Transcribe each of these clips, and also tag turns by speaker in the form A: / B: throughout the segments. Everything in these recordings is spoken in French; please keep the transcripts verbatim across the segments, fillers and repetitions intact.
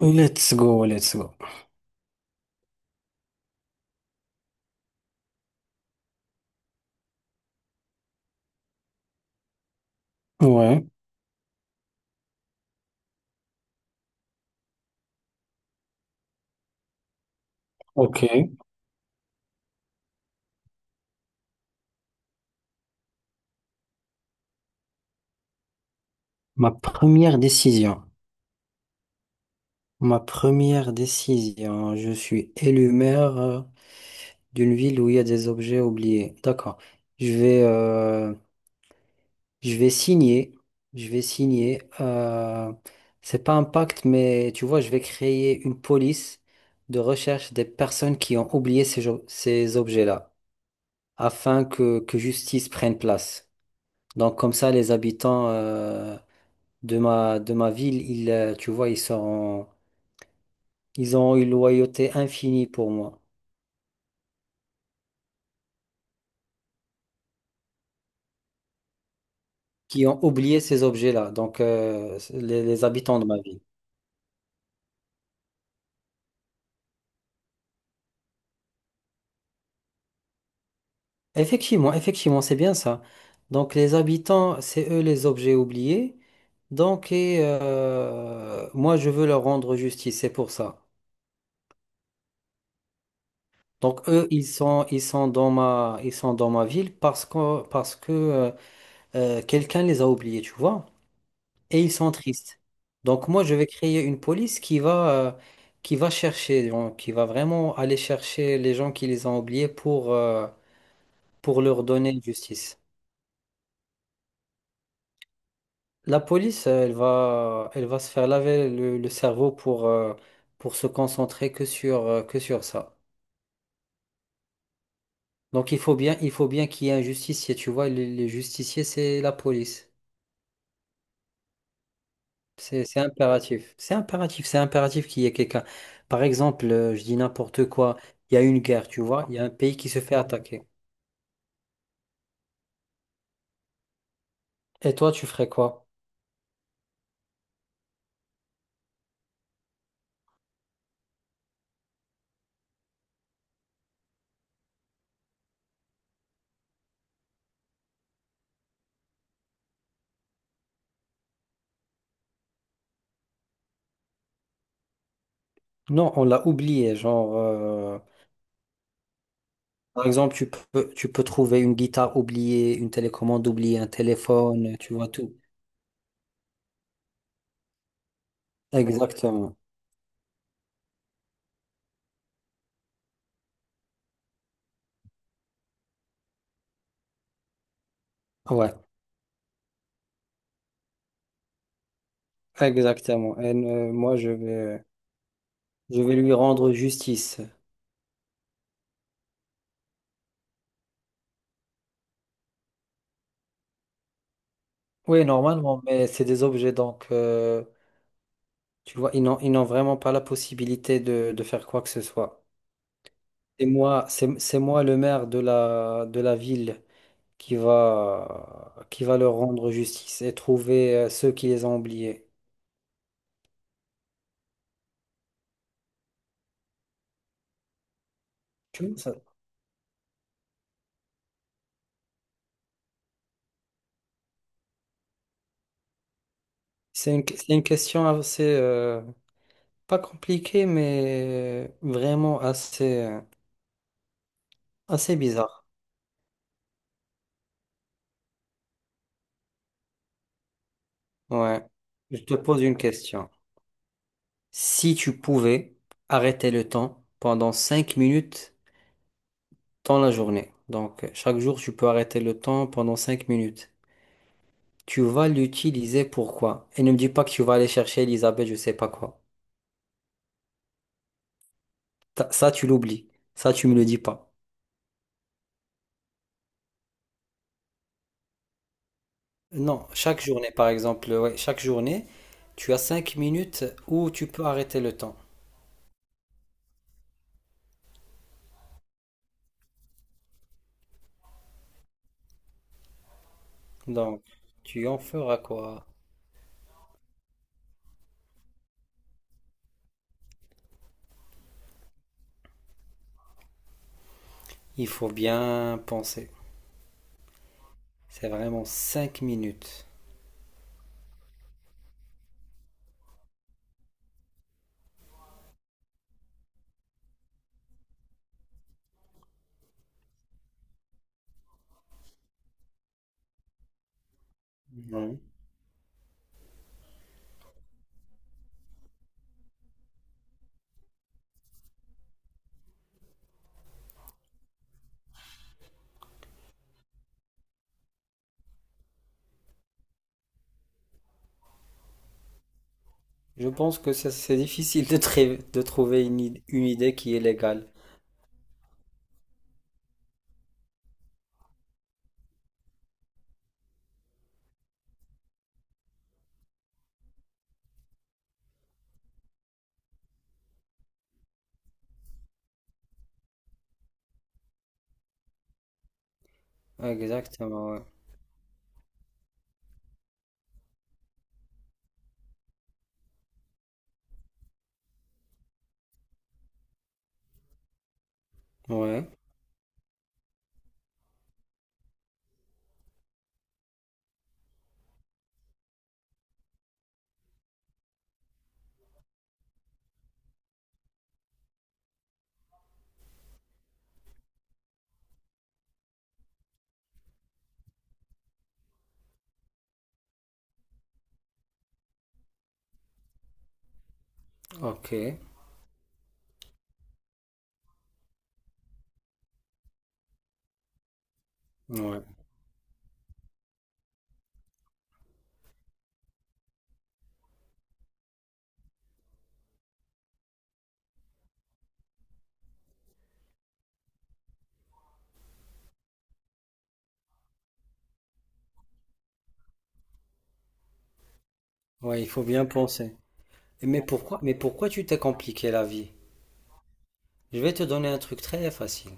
A: Let's go, let's go. Ouais, ok. Ma première décision. Ma première décision. Je suis élu maire, euh, d'une ville où il y a des objets oubliés. D'accord. Je vais, euh, je vais signer. Je vais signer. Euh, c'est pas un pacte, mais tu vois, je vais créer une police de recherche des personnes qui ont oublié ces, jo- ces objets-là, afin que, que justice prenne place. Donc comme ça, les habitants. euh, de ma, de ma ville, ils, euh, tu vois, ils sont, ils ont une loyauté infinie pour moi, qui ont oublié ces objets-là, donc euh, les, les habitants de ma ville. Effectivement, effectivement, c'est bien ça. Donc les habitants, c'est eux les objets oubliés. Donc et euh, moi, je veux leur rendre justice, c'est pour ça. Donc eux, ils sont, ils sont dans ma, ils sont dans ma ville parce que, parce que euh, euh, quelqu'un les a oubliés, tu vois, et ils sont tristes. Donc moi, je vais créer une police qui va, euh, qui va chercher, genre, qui va vraiment aller chercher les gens qui les ont oubliés pour, euh, pour leur donner justice. La police, euh, elle va, elle va se faire laver le, le cerveau pour, euh, pour se concentrer que sur, euh, que sur ça. Donc il faut bien, il faut bien qu'il y ait un justicier, tu vois, les, les justiciers, c'est la police. C'est c'est impératif. C'est impératif. C'est impératif qu'il y ait quelqu'un. Par exemple, euh, je dis n'importe quoi. Il y a une guerre, tu vois. Il y a un pays qui se fait attaquer. Et toi, tu ferais quoi? Non, on l'a oublié. Genre, euh, par exemple, tu peux, tu peux trouver une guitare oubliée, une télécommande oubliée, un téléphone, tu vois tout. Exactement. Ouais, exactement. Et euh, moi, je vais, je vais lui rendre justice. Oui, normalement, mais c'est des objets, donc. euh, Tu vois, ils n'ont, ils n'ont vraiment pas la possibilité de, de faire quoi que ce soit. C'est moi, c'est, c'est moi le maire de la, de la ville qui va, qui va leur rendre justice et trouver euh, ceux qui les ont oubliés. Tu vois, ça, c'est une, c'est une question assez, euh, pas compliquée, mais vraiment assez, euh, assez bizarre. Ouais. Je te pose une question. Si tu pouvais arrêter le temps pendant cinq minutes, dans la journée. Donc, chaque jour, tu peux arrêter le temps pendant cinq minutes. Tu vas l'utiliser pourquoi? Et ne me dis pas que tu vas aller chercher Elisabeth, je sais pas quoi. Ta- Ça, tu l'oublies. Ça, tu me le dis pas. Non, chaque journée, par exemple, ouais, chaque journée, tu as cinq minutes où tu peux arrêter le temps. Donc, tu en feras quoi? Il faut bien penser. C'est vraiment cinq minutes. Mhm. Je pense que c'est c'est difficile de, tré- de trouver une, id- une idée qui est légale. Exactement, ouais. Ouais, ok, ouais, ouais, il faut bien penser. Mais pourquoi, mais pourquoi tu t'es compliqué la vie? Je vais te donner un truc très facile.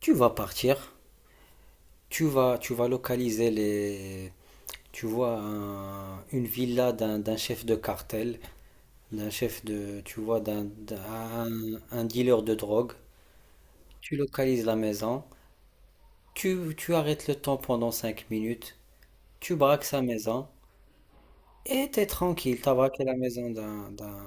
A: Tu vas partir, tu vas, tu vas localiser les, tu vois, un- une villa d'un, d'un chef de cartel, d'un chef de, tu vois, d'un, d'un- un dealer de drogue. Tu localises la maison, tu, tu arrêtes le temps pendant cinq minutes, tu braques sa maison et t'es tranquille, t'as braqué la maison d'un, d'un,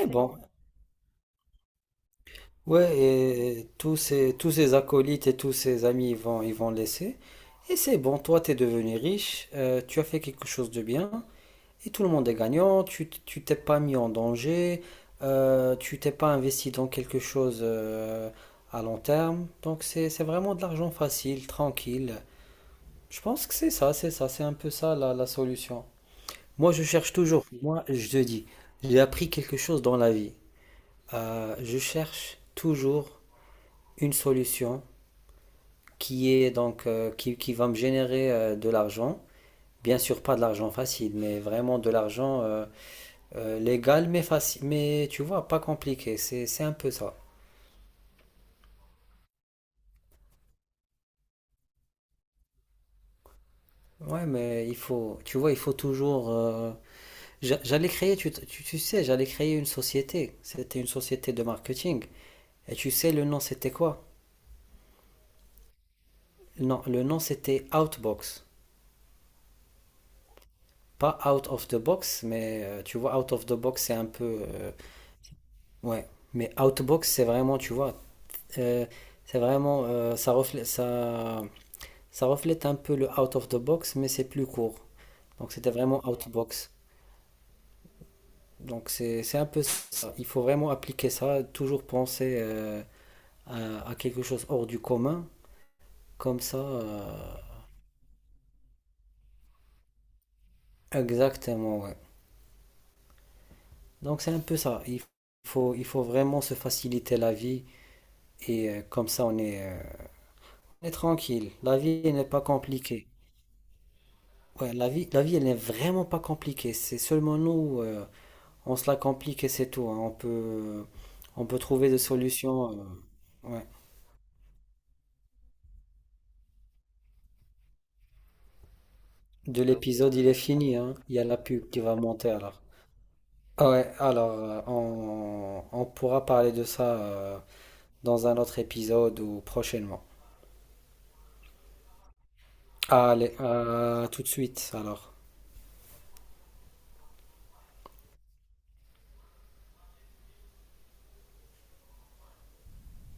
A: et bon, ouais, et tous ces, tous ces acolytes et tous ces amis, ils vont, ils vont laisser. Et c'est bon, toi, t'es devenu riche, euh, tu as fait quelque chose de bien, et tout le monde est gagnant, tu, t- tu t'es pas mis en danger, euh, tu t'es pas investi dans quelque chose euh, à long terme. Donc c'est, c'est vraiment de l'argent facile, tranquille. Je pense que c'est ça, c'est ça, c'est un peu ça la, la solution. Moi, je cherche toujours, moi, je te dis, j'ai appris quelque chose dans la vie. Euh, je cherche toujours une solution qui est donc euh, qui, qui va me générer euh, de l'argent. Bien sûr, pas de l'argent facile, mais vraiment de l'argent euh, euh, légal, mais facile, mais tu vois, pas compliqué. C'est, c'est un peu ça. Ouais, mais il faut, tu vois, il faut toujours. euh, j'a- J'allais créer, tu, tu, tu sais, j'allais créer une société. C'était une société de marketing. Et tu sais, le nom, c'était quoi? Non, le nom, c'était Outbox. Pas Out of the Box, mais euh, tu vois, Out of the Box, c'est un peu. Euh, ouais. Mais Outbox, c'est vraiment, tu vois, Euh, c'est vraiment, euh, ça reflète, ça, ça reflète un peu le out of the box, mais c'est plus court. Donc c'était vraiment out box. Donc c'est, c'est un peu ça. Il faut vraiment appliquer ça, toujours penser euh, à, à quelque chose hors du commun, comme ça. Euh, exactement, ouais. Donc c'est un peu ça. Il faut, il faut vraiment se faciliter la vie et euh, comme ça on est, euh, on est tranquille. La vie elle n'est pas compliquée. Ouais, la vie, la vie elle n'est vraiment pas compliquée. C'est seulement nous. Euh, on se la complique et c'est tout, hein. On peut, on peut trouver des solutions. Euh, ouais. De l'épisode, il est fini, hein. Il y a la pub qui va monter alors. Ah ouais, alors euh, on, on pourra parler de ça euh, dans un autre épisode ou prochainement. Allez, à tout de suite alors.